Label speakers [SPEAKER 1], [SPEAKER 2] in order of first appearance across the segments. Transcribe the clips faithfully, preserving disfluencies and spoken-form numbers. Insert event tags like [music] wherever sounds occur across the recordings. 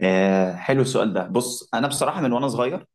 [SPEAKER 1] آه حلو السؤال ده. بص، انا بصراحه من وانا صغير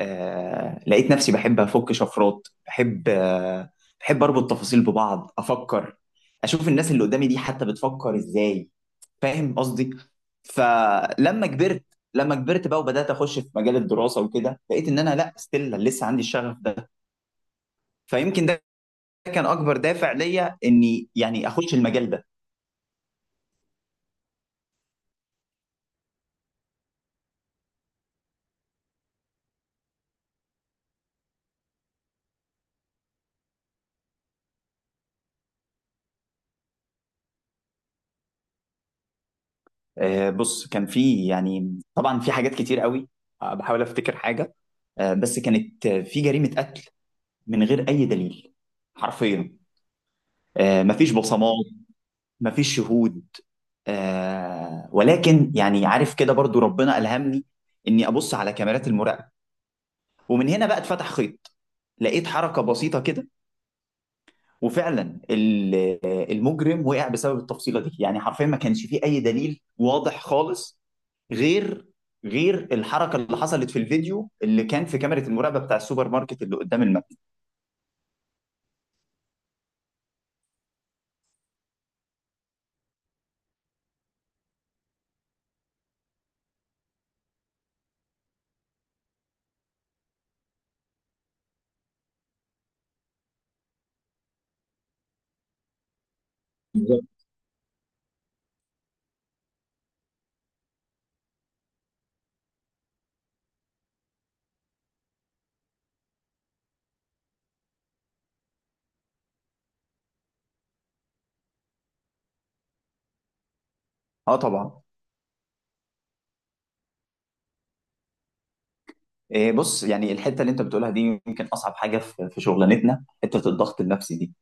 [SPEAKER 1] آه لقيت نفسي بحب افك شفرات، بحب، آه بحب اربط تفاصيل ببعض، افكر، اشوف الناس اللي قدامي دي حتى بتفكر ازاي، فاهم قصدي؟ فلما كبرت لما كبرت بقى وبدات اخش في مجال الدراسه وكده، لقيت ان انا لا ستيل لسه عندي الشغف ده، فيمكن ده كان اكبر دافع ليا اني يعني اخش المجال ده. آه بص، كان في يعني طبعا في حاجات كتير قوي، آه، بحاول افتكر حاجه. آه، بس كانت، آه، في جريمة قتل من غير أي دليل، حرفيا. آه، مفيش بصمات، مفيش شهود، آه، ولكن يعني عارف كده برضو ربنا ألهمني إني أبص على كاميرات المراقبة، ومن هنا بقى اتفتح خيط. لقيت حركة بسيطة كده، وفعلا ال- آه، المجرم وقع بسبب التفصيلة دي، يعني حرفيا ما كانش فيه أي دليل واضح خالص، غير غير الحركة اللي حصلت في الفيديو اللي كان في كاميرا المراقبة بتاع السوبر ماركت اللي قدام المكتب. بالظبط. اه طبعا. إيه، بص، يعني الحته اللي انت بتقولها دي يمكن اصعب حاجه في في شغلانتنا، حته الضغط النفسي دي،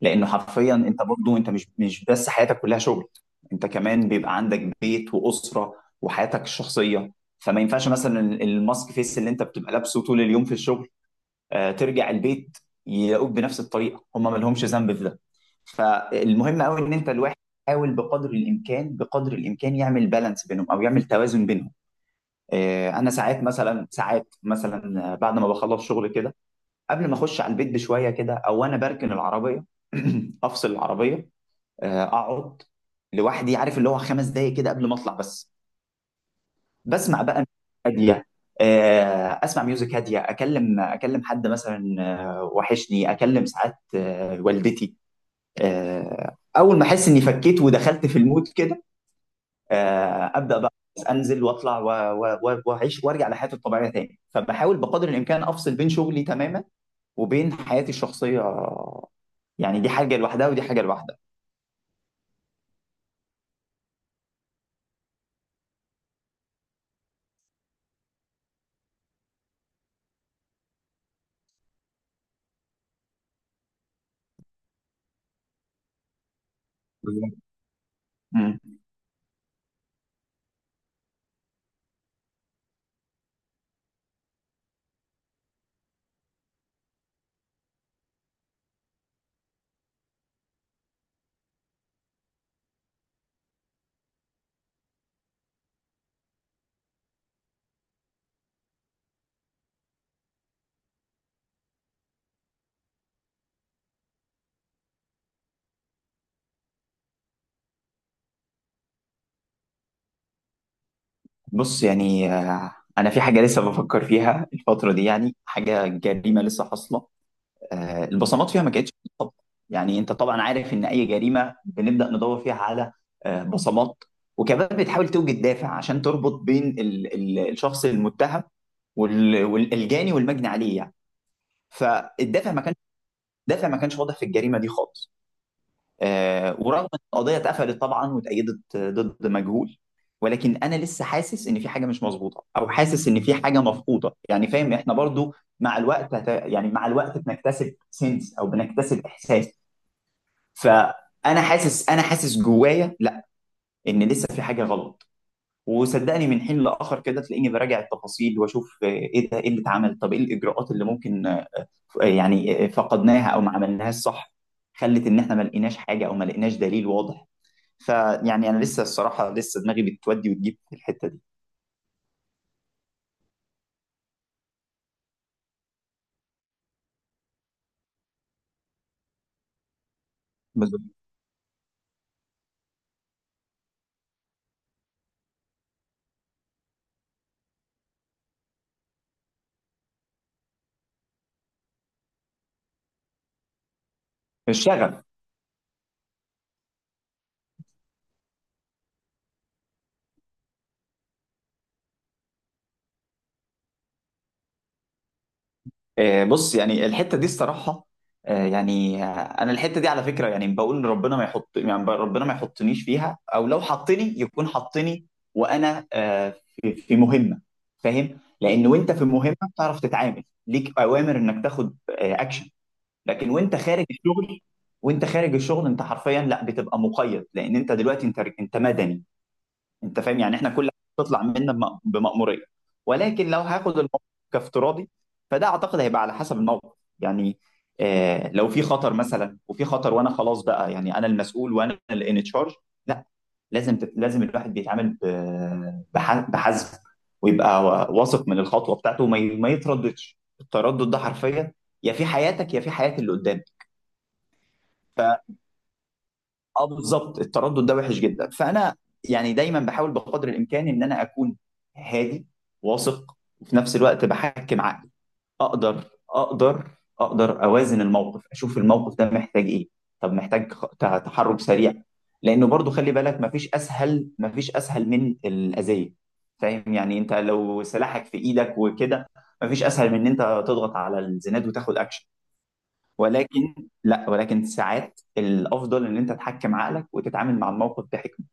[SPEAKER 1] لانه حرفيا انت برضو انت مش مش بس حياتك كلها شغل، انت كمان بيبقى عندك بيت واسره وحياتك الشخصيه، فما ينفعش مثلا الماسك فيس اللي انت بتبقى لابسه طول اليوم في الشغل، آه، ترجع البيت يلاقوك بنفس الطريقه، هم ما لهمش ذنب في ده. فالمهم قوي ان انت الواحد يحاول بقدر الامكان، بقدر الامكان يعمل بالانس بينهم او يعمل توازن بينهم. إيه، انا ساعات مثلا، ساعات مثلا آه، بعد ما بخلص شغل كده، قبل ما اخش على البيت بشويه كده، او انا بركن العربيه [clears throat] افصل العربيه، آه، اقعد لوحدي، عارف اللي هو خمس دقايق كده قبل ما اطلع بس، بسمع بقى ميوزك هاديه. آه، اسمع ميوزك هاديه، اكلم اكلم حد مثلا، آه، وحشني اكلم ساعات، آه، والدتي. آه، اول ما احس اني فكيت ودخلت في المود كده، آه، ابدا بقى انزل واطلع و- و- و- واعيش وارجع لحياتي الطبيعيه تاني. فبحاول بقدر الامكان افصل بين شغلي تماما وبين حياتي الشخصيه، يعني دي حاجه لوحدها ودي حاجه لوحدها. بالظبط. مم. بص يعني، آه، انا في حاجه لسه بفكر فيها الفتره دي، يعني حاجه، جريمه لسه حاصله، آه، البصمات فيها ما كانتش، طبعا يعني انت طبعا عارف ان اي جريمه بنبدا ندور فيها على آه، بصمات، وكمان بتحاول توجد دافع عشان تربط بين ال- ال- الشخص المتهم وال- والجاني والمجني عليه يعني. فالدافع ما كانش، الدافع ما كانش واضح في الجريمه دي خالص. آه، ورغم ان القضيه اتقفلت طبعا واتأيدت آه، ضد مجهول، ولكن انا لسه حاسس ان في حاجه مش مظبوطه، او حاسس ان في حاجه مفقوده، يعني فاهم، احنا برضو مع الوقت هت... يعني مع الوقت بنكتسب سنس او بنكتسب احساس، فانا حاسس، انا حاسس جوايا لا، ان لسه في حاجه غلط. وصدقني من حين لاخر كده تلاقيني براجع التفاصيل واشوف، آه، ايه ده، ايه اللي اتعمل، طب ايه الاجراءات اللي ممكن آه، يعني آه، فقدناها او ما عملناهاش صح، خلت ان احنا ما لقيناش حاجه او ما لقيناش دليل واضح. فيعني انا لسه الصراحه لسه دماغي بتودي وتجيب في الحته دي. بالظبط. الشغف. آه، بص يعني الحته دي الصراحه، آه، يعني آه، انا الحته دي على فكره يعني بقول ربنا ما يحط يعني ب- ربنا ما يحطنيش فيها، او لو حطني يكون حطني وانا آه، في في مهمه، فاهم، لان وانت في مهمه بتعرف تتعامل، ليك اوامر انك تاخد آه، اكشن. لكن وانت خارج الشغل، وانت خارج الشغل انت حرفيا لا بتبقى مقيد، لان انت دلوقتي انت انت مدني. انت فاهم يعني احنا كل حاجه بتطلع منا بم- بمأموريه، ولكن لو هاخد الموقف كافتراضي، فده اعتقد هيبقى على حسب الموقف يعني. آه لو في خطر مثلا، وفي خطر وانا خلاص بقى يعني انا المسؤول وانا اللي ان تشارج، لا، لازم تت- لازم الواحد بيتعامل ب- بح- بحذر، ويبقى وا- واثق من الخطوه بتاعته، وما ي- ما يترددش، التردد ده حرفيا يا في حياتك يا في حياه اللي قدامك. اه بالظبط، التردد ده وحش جدا، فانا يعني دايما بحاول بقدر الامكان ان انا اكون هادي، واثق، وفي نفس الوقت بحكم عقلي اقدر اقدر اقدر اوازن الموقف، اشوف الموقف ده محتاج ايه، طب محتاج خ- ت- تحرك سريع، لانه برضو خلي بالك مفيش اسهل، مفيش اسهل من الاذيه، فاهم يعني، انت لو سلاحك في ايدك وكده، مفيش اسهل من ان انت تضغط على الزناد وتاخد اكشن، ولكن، لا ولكن ساعات الافضل ان انت تحكم عقلك وتتعامل مع الموقف بحكمه.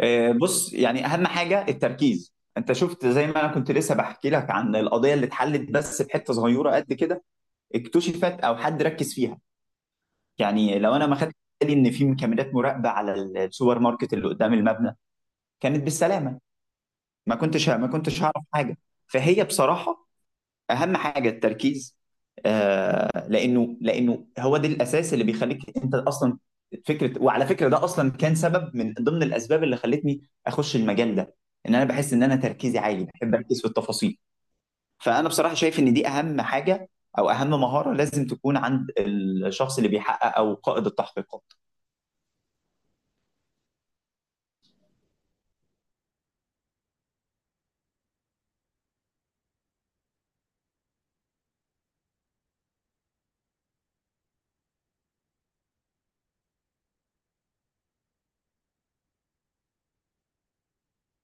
[SPEAKER 1] آه، بص يعني اهم حاجه التركيز. انت شفت زي ما انا كنت لسه بحكي لك عن القضيه اللي اتحلت بس بحته صغيره قد كده، اكتشفت او حد ركز فيها، يعني لو انا ما خدت بالي ان في كاميرات مراقبه على السوبر ماركت اللي قدام المبنى كانت بالسلامه، ما كنتش، ما كنتش هعرف حاجه. فهي بصراحه اهم حاجه التركيز، آه لانه، لانه هو ده الاساس اللي بيخليك انت اصلا فكره. وعلى فكره ده اصلا كان سبب من ضمن الاسباب اللي خلتني اخش المجال ده، ان انا بحس ان انا تركيزي عالي، بحب اركز في التفاصيل. فانا بصراحه شايف ان دي اهم حاجه، او اهم مهاره لازم تكون عند الشخص اللي بيحقق او قائد التحقيقات.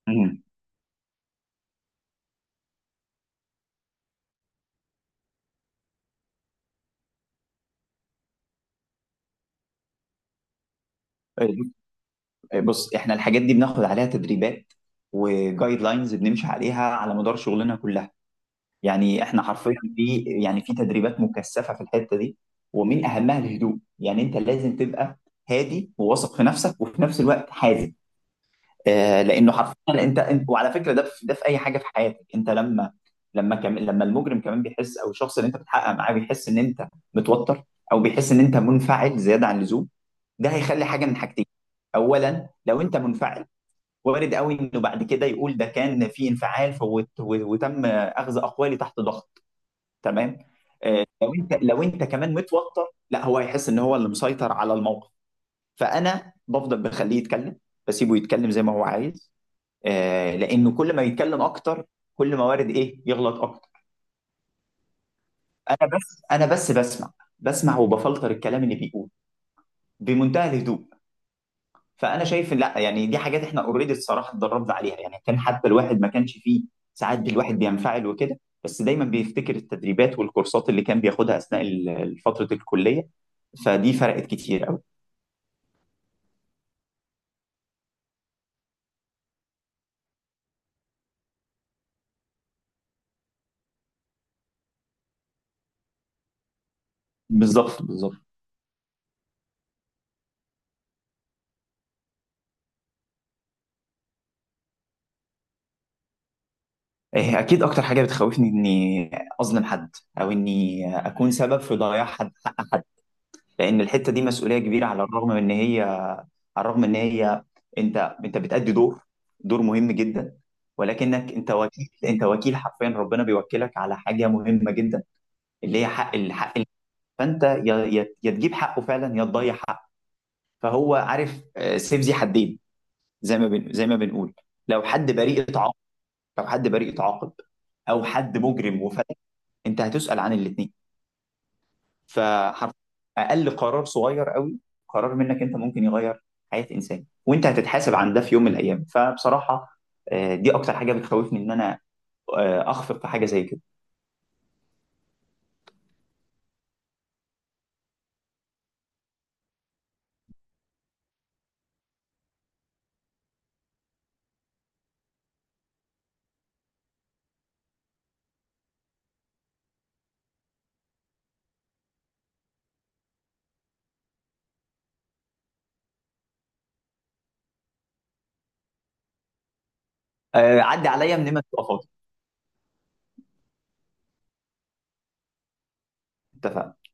[SPEAKER 1] مم. بص احنا الحاجات دي بناخد عليها تدريبات، وجايد لاينز بنمشي عليها على مدار شغلنا كلها، يعني احنا حرفيا في يعني في تدريبات مكثفه في الحته دي. ومن اهمها الهدوء، يعني انت لازم تبقى هادي وواثق في نفسك، وفي نفس الوقت حازم، آه لانه حرفيا انت انت وعلى فكره ده في ده في اي حاجه في حياتك، انت لما لما كم لما المجرم كمان بيحس او الشخص اللي انت بتحقق معاه بيحس ان انت متوتر، او بيحس ان انت منفعل زياده عن اللزوم، ده هيخلي حاجه من حاجتين. اولا لو انت منفعل، وارد قوي انه بعد كده يقول ده كان في انفعال فوت وتم اخذ اقوالي تحت ضغط، تمام. آه، لو انت، لو انت كمان متوتر لا، هو هيحس ان هو اللي مسيطر على الموقف. فانا بفضل بخليه يتكلم، بسيبه يتكلم زي ما هو عايز، آه، لانه كل ما يتكلم اكتر، كل ما وارد ايه يغلط اكتر. انا بس انا بس بسمع، بسمع وبفلتر الكلام اللي بيقول بمنتهى الهدوء. فانا شايف إن لا يعني دي حاجات احنا اوريدي الصراحه اتدربنا عليها، يعني كان حتى الواحد ما كانش فيه، ساعات الواحد بينفعل وكده، بس دايما بيفتكر التدريبات والكورسات اللي كان بياخدها اثناء ال- فتره الكليه، فدي فرقت كتير قوي. بالظبط بالظبط إيه، اكيد اكتر حاجه بتخوفني اني اظلم حد، او اني اكون سبب في ضياع حد، لان الحته دي مسؤوليه كبيره. على الرغم من ان هي، على الرغم ان هي، انت، انت بتأدي دور، دور مهم جدا، ولكنك انت وكيل، انت وكيل حرفيا، ربنا بيوكلك على حاجه مهمه جدا، اللي هي حق الحق، فانت يا يا يا تجيب حقه فعلا يا تضيع حقه. فهو عارف، آه، سيف ذي حدين زي ما بن زي ما بنقول، لو حد بريء اتعاقب، لو حد بريء اتعاقب، او حد مجرم وفتح، انت هتسأل عن الاثنين. فحرف اقل قرار صغير قوي، قرار منك انت ممكن يغير حياه انسان، وانت هتتحاسب عن ده في يوم من الايام. فبصراحه، آه، دي اكتر حاجه بتخوفني، ان انا آه، اخفق في حاجه زي كده. آه، عدي عليا من ما تبقى فاضي. اتفقنا.